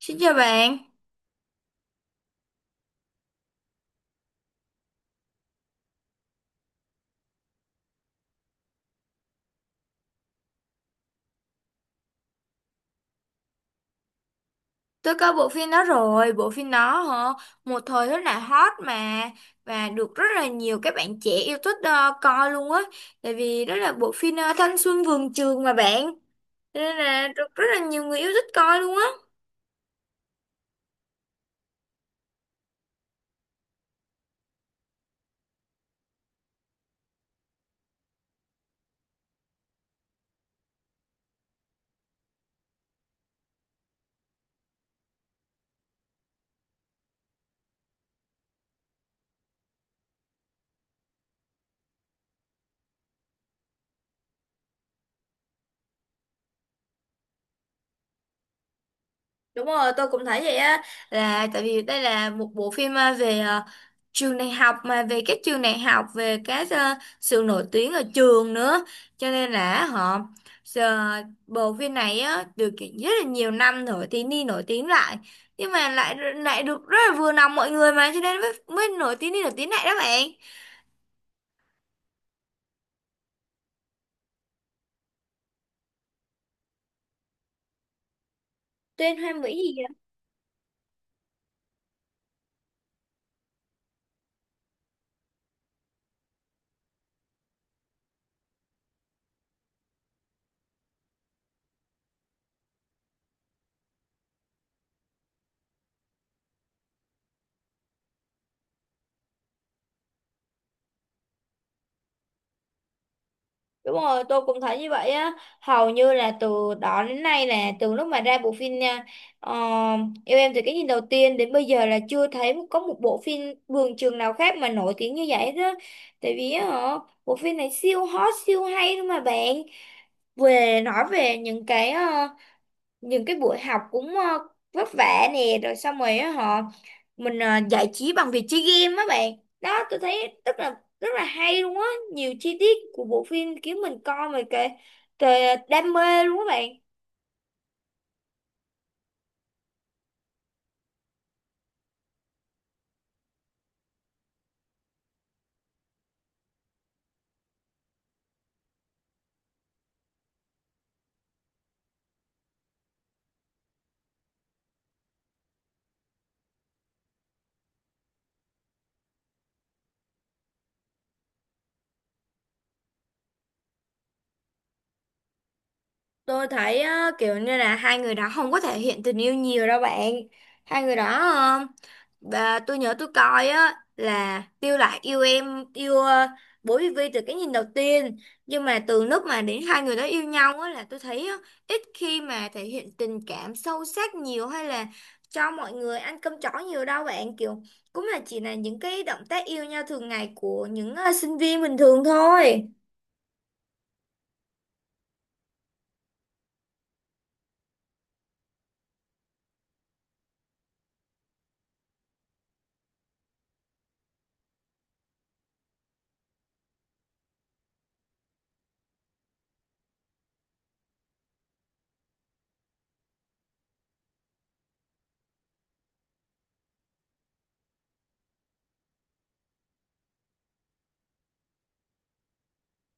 Xin chào bạn, tôi coi bộ phim đó rồi. Bộ phim đó hả, một thời rất là hot mà và được rất là nhiều các bạn trẻ yêu thích, coi luôn á, tại vì đó là bộ phim, thanh xuân vườn trường mà bạn. Cho nên là được rất là nhiều người yêu thích coi luôn á. Đúng rồi, tôi cũng thấy vậy á, là tại vì đây là một bộ phim, về, trường đại học, mà về các trường đại học, về các, sự nổi tiếng ở trường nữa, cho nên là họ giờ bộ phim này á được kiện rất là nhiều năm rồi thì đi nổi tiếng lại, nhưng mà lại lại được rất là vừa lòng mọi người, mà cho nên mới nổi tiếng đi nổi tiếng lại đó bạn. Tên hoa mỹ gì? Đúng rồi, tôi cũng thấy như vậy á. Hầu như là từ đó đến nay, là từ lúc mà ra bộ phim nha, ờ, yêu em từ cái nhìn đầu tiên đến bây giờ là chưa thấy có một bộ phim vườn trường nào khác mà nổi tiếng như vậy đó. Tại vì á, hả, bộ phim này siêu hot, siêu hay luôn mà bạn. Về nói về những cái buổi học cũng, vất vả nè, rồi xong rồi á họ mình, giải trí bằng việc chơi game á bạn. Đó, tôi thấy rất là hay luôn á, nhiều chi tiết của bộ phim khiến mình coi mà kệ kệ đam mê luôn á bạn. Tôi thấy, kiểu như là hai người đó không có thể hiện tình yêu nhiều đâu bạn. Hai người đó, bà, tôi nhớ tôi coi á là Tiêu Lạc yêu em yêu, Bố Vy Vy từ cái nhìn đầu tiên, nhưng mà từ lúc mà đến hai người đó yêu nhau á là tôi thấy á, ít khi mà thể hiện tình cảm sâu sắc nhiều, hay là cho mọi người ăn cơm chó nhiều đâu bạn. Kiểu cũng là chỉ là những cái động tác yêu nhau thường ngày của những, sinh viên bình thường thôi.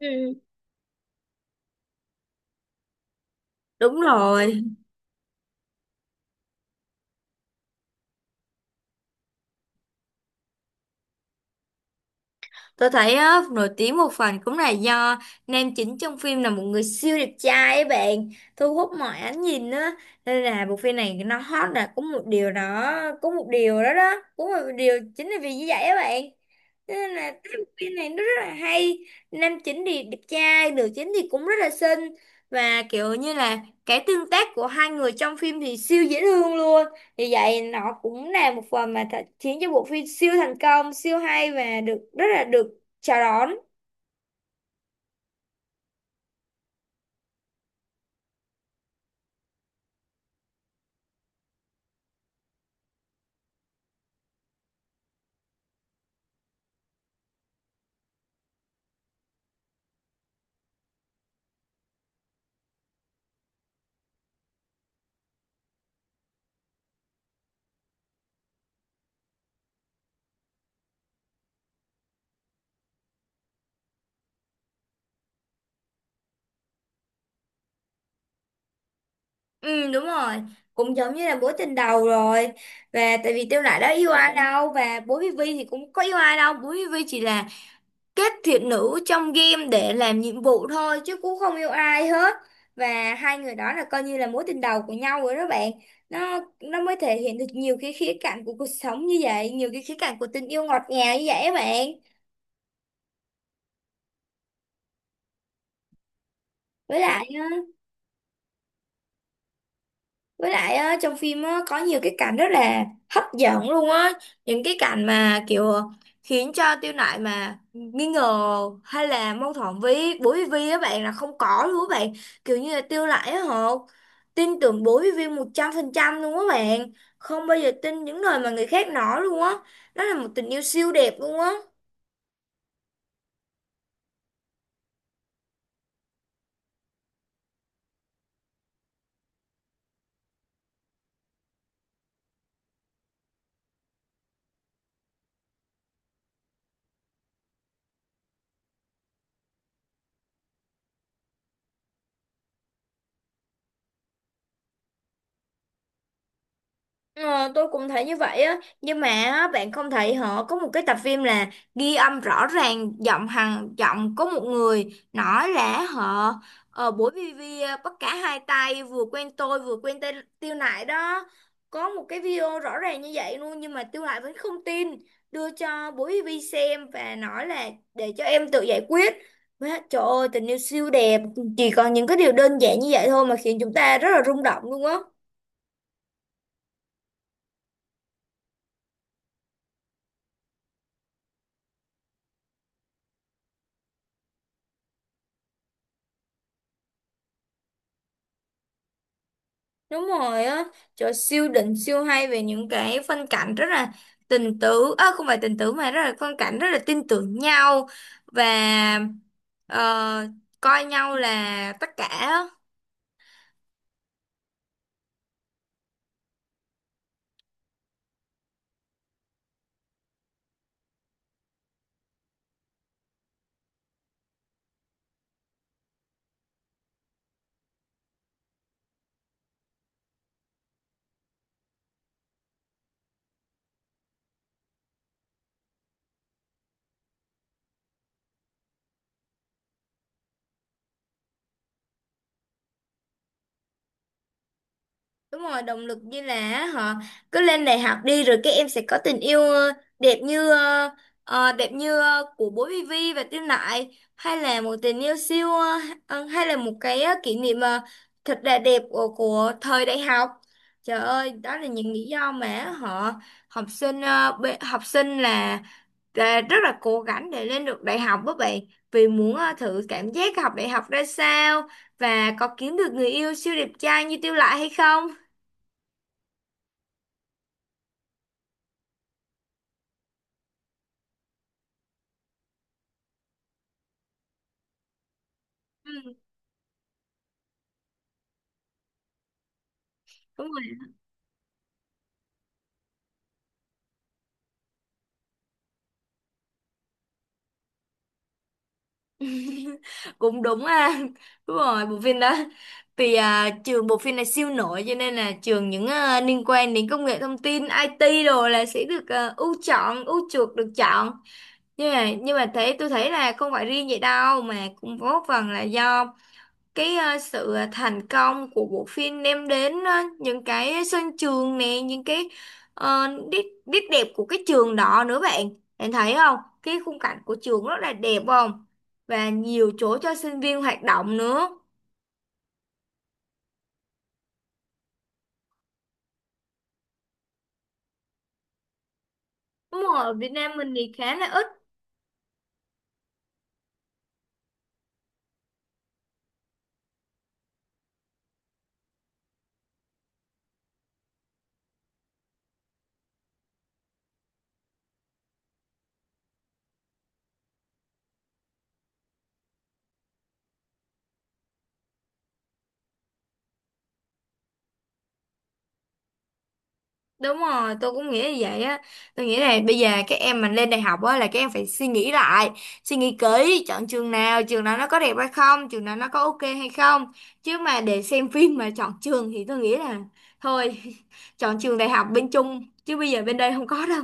Ừ. Đúng rồi. Tôi thấy á, nổi tiếng một phần cũng là do nam chính trong phim là một người siêu đẹp trai ấy bạn, thu hút mọi ánh nhìn á, nên là bộ phim này nó hot là cũng một điều đó, cũng một điều đó đó cũng một điều chính là vì như vậy á bạn. Thế nên là cái bộ phim này nó rất là hay, nam chính thì đẹp trai, nữ chính thì cũng rất là xinh, và kiểu như là cái tương tác của hai người trong phim thì siêu dễ thương luôn. Vì vậy nó cũng là một phần mà khiến cho bộ phim siêu thành công, siêu hay và được rất là được chào đón. Ừ đúng rồi, cũng giống như là mối tình đầu rồi. Và tại vì Tiêu Nại đã yêu ai đâu, và Bố Vy Vy thì cũng có yêu ai đâu. Bố Vy Vy chỉ là kết thiện nữ trong game để làm nhiệm vụ thôi chứ cũng không yêu ai hết. Và hai người đó là coi như là mối tình đầu của nhau rồi đó bạn. Nó mới thể hiện được nhiều cái khía cạnh của cuộc sống như vậy, nhiều cái khía cạnh của tình yêu ngọt ngào như vậy á bạn. Với lại á, với lại á, trong phim á, có nhiều cái cảnh rất là hấp dẫn luôn á. Những cái cảnh mà kiểu khiến cho Tiêu Nại mà nghi ngờ hay là mâu thuẫn với bố với Vi á bạn là không có luôn á bạn. Kiểu như là Tiêu Nại á họ tin tưởng bố với Vi 100% luôn á bạn. Không bao giờ tin những lời mà người khác nói luôn á. Đó là một tình yêu siêu đẹp luôn á. Ờ, tôi cũng thấy như vậy á, nhưng mà á, bạn không thấy họ có một cái tập phim là ghi âm rõ ràng giọng hằng giọng, có một người nói là họ, buổi BV bắt cả hai tay vừa quen tôi vừa quen tên Tiêu Nại đó, có một cái video rõ ràng như vậy luôn, nhưng mà Tiêu Nại vẫn không tin, đưa cho buổi BV xem và nói là để cho em tự giải quyết. Má, trời ơi tình yêu siêu đẹp, chỉ còn những cái điều đơn giản như vậy thôi mà khiến chúng ta rất là rung động luôn á. Đúng rồi á, trời siêu đỉnh siêu hay về những cái phân cảnh rất là tình tứ, à, không phải tình tứ mà rất là phân cảnh rất là tin tưởng nhau, và, ờ, coi nhau là tất cả. Đúng rồi, động lực như là họ cứ lên đại học đi rồi các em sẽ có tình yêu, đẹp như ờ, đẹp như, của bố Vivi và Tiêu Nại, hay là một tình yêu siêu, hay là một cái, kỷ niệm, thật là đẹp của thời đại học. Trời ơi, đó là những lý do mà họ học sinh, học sinh là rất là cố gắng để lên được đại học với bạn, vì muốn, thử cảm giác học đại học ra sao, và có kiếm được người yêu siêu đẹp trai như Tiêu Nại hay không. Ừ, đúng rồi. Cũng đúng ha, đúng rồi bộ phim đó, vì, trường bộ phim này siêu nổi cho nên là trường những, liên quan đến công nghệ thông tin IT đồ là sẽ được, ưu chọn ưu chuộc được chọn. Nhưng mà thế tôi thấy là không phải riêng vậy đâu mà cũng có phần là do cái, thành công của bộ phim đem đến, những cái sân trường nè, những cái, ờ, nét nét đẹp của cái trường đó nữa bạn. Bạn thấy không, cái khung cảnh của trường rất là đẹp không, và nhiều chỗ cho sinh viên hoạt động nữa. Đúng rồi, ở Việt Nam mình thì khá là ít. Đúng rồi, tôi cũng nghĩ như vậy á. Tôi nghĩ là bây giờ các em mình lên đại học á là các em phải suy nghĩ lại, suy nghĩ kỹ, chọn trường nào nó có đẹp hay không, trường nào nó có ok hay không. Chứ mà để xem phim mà chọn trường thì tôi nghĩ là thôi, chọn trường đại học bên Trung chứ bây giờ bên đây không có đâu.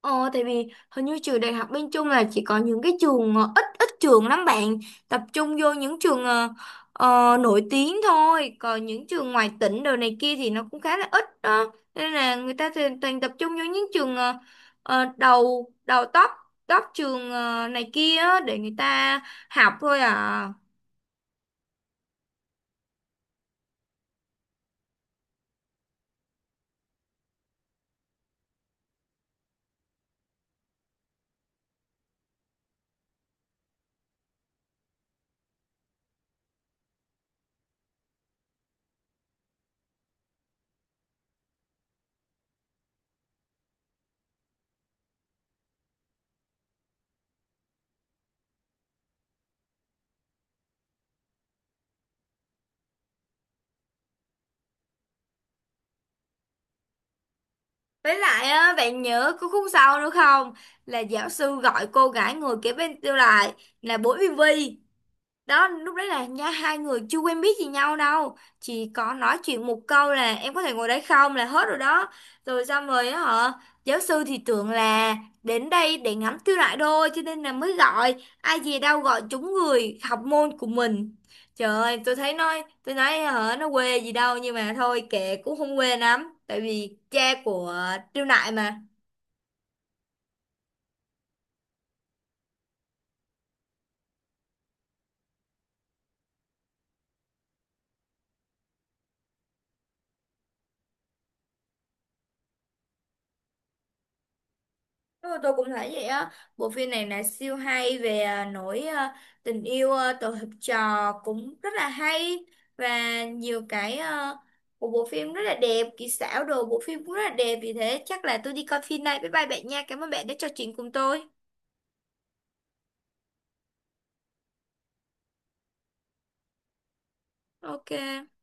Ờ, tại vì hình như trường đại học bên Trung là chỉ có những cái trường, ờ, ít ít trường lắm bạn, tập trung vô những trường, nổi tiếng thôi, còn những trường ngoài tỉnh đồ này kia thì nó cũng khá là ít đó, nên là người ta thì toàn tập trung vô những trường, ờ, ờ, đầu đầu top, top trường, này kia á, để người ta học thôi à. Với lại á bạn nhớ có khúc sau nữa không, là giáo sư gọi cô gái ngồi kế bên tôi lại, là bố Vivi đó, lúc đấy là nha hai người chưa quen biết gì nhau đâu, chỉ có nói chuyện một câu là em có thể ngồi đây không là hết rồi đó. Rồi xong rồi á hả, giáo sư thì tưởng là đến đây để ngắm tiêu đại đôi cho nên là mới gọi, ai dè đâu gọi trúng người học môn của mình. Trời ơi tôi thấy nói tôi nói hả, nó quê gì đâu, nhưng mà thôi kệ cũng không quê lắm tại vì cha của tiêu đại mà. Đúng rồi, tôi cũng thấy vậy á, bộ phim này là siêu hay về, tình yêu, tổ hợp trò cũng rất là hay, và nhiều cái, của bộ phim rất là đẹp, kỹ xảo đồ bộ phim cũng rất là đẹp, vì thế chắc là tôi đi coi phim này. Bye bye bạn nha, cảm ơn bạn đã trò chuyện cùng tôi. Ok.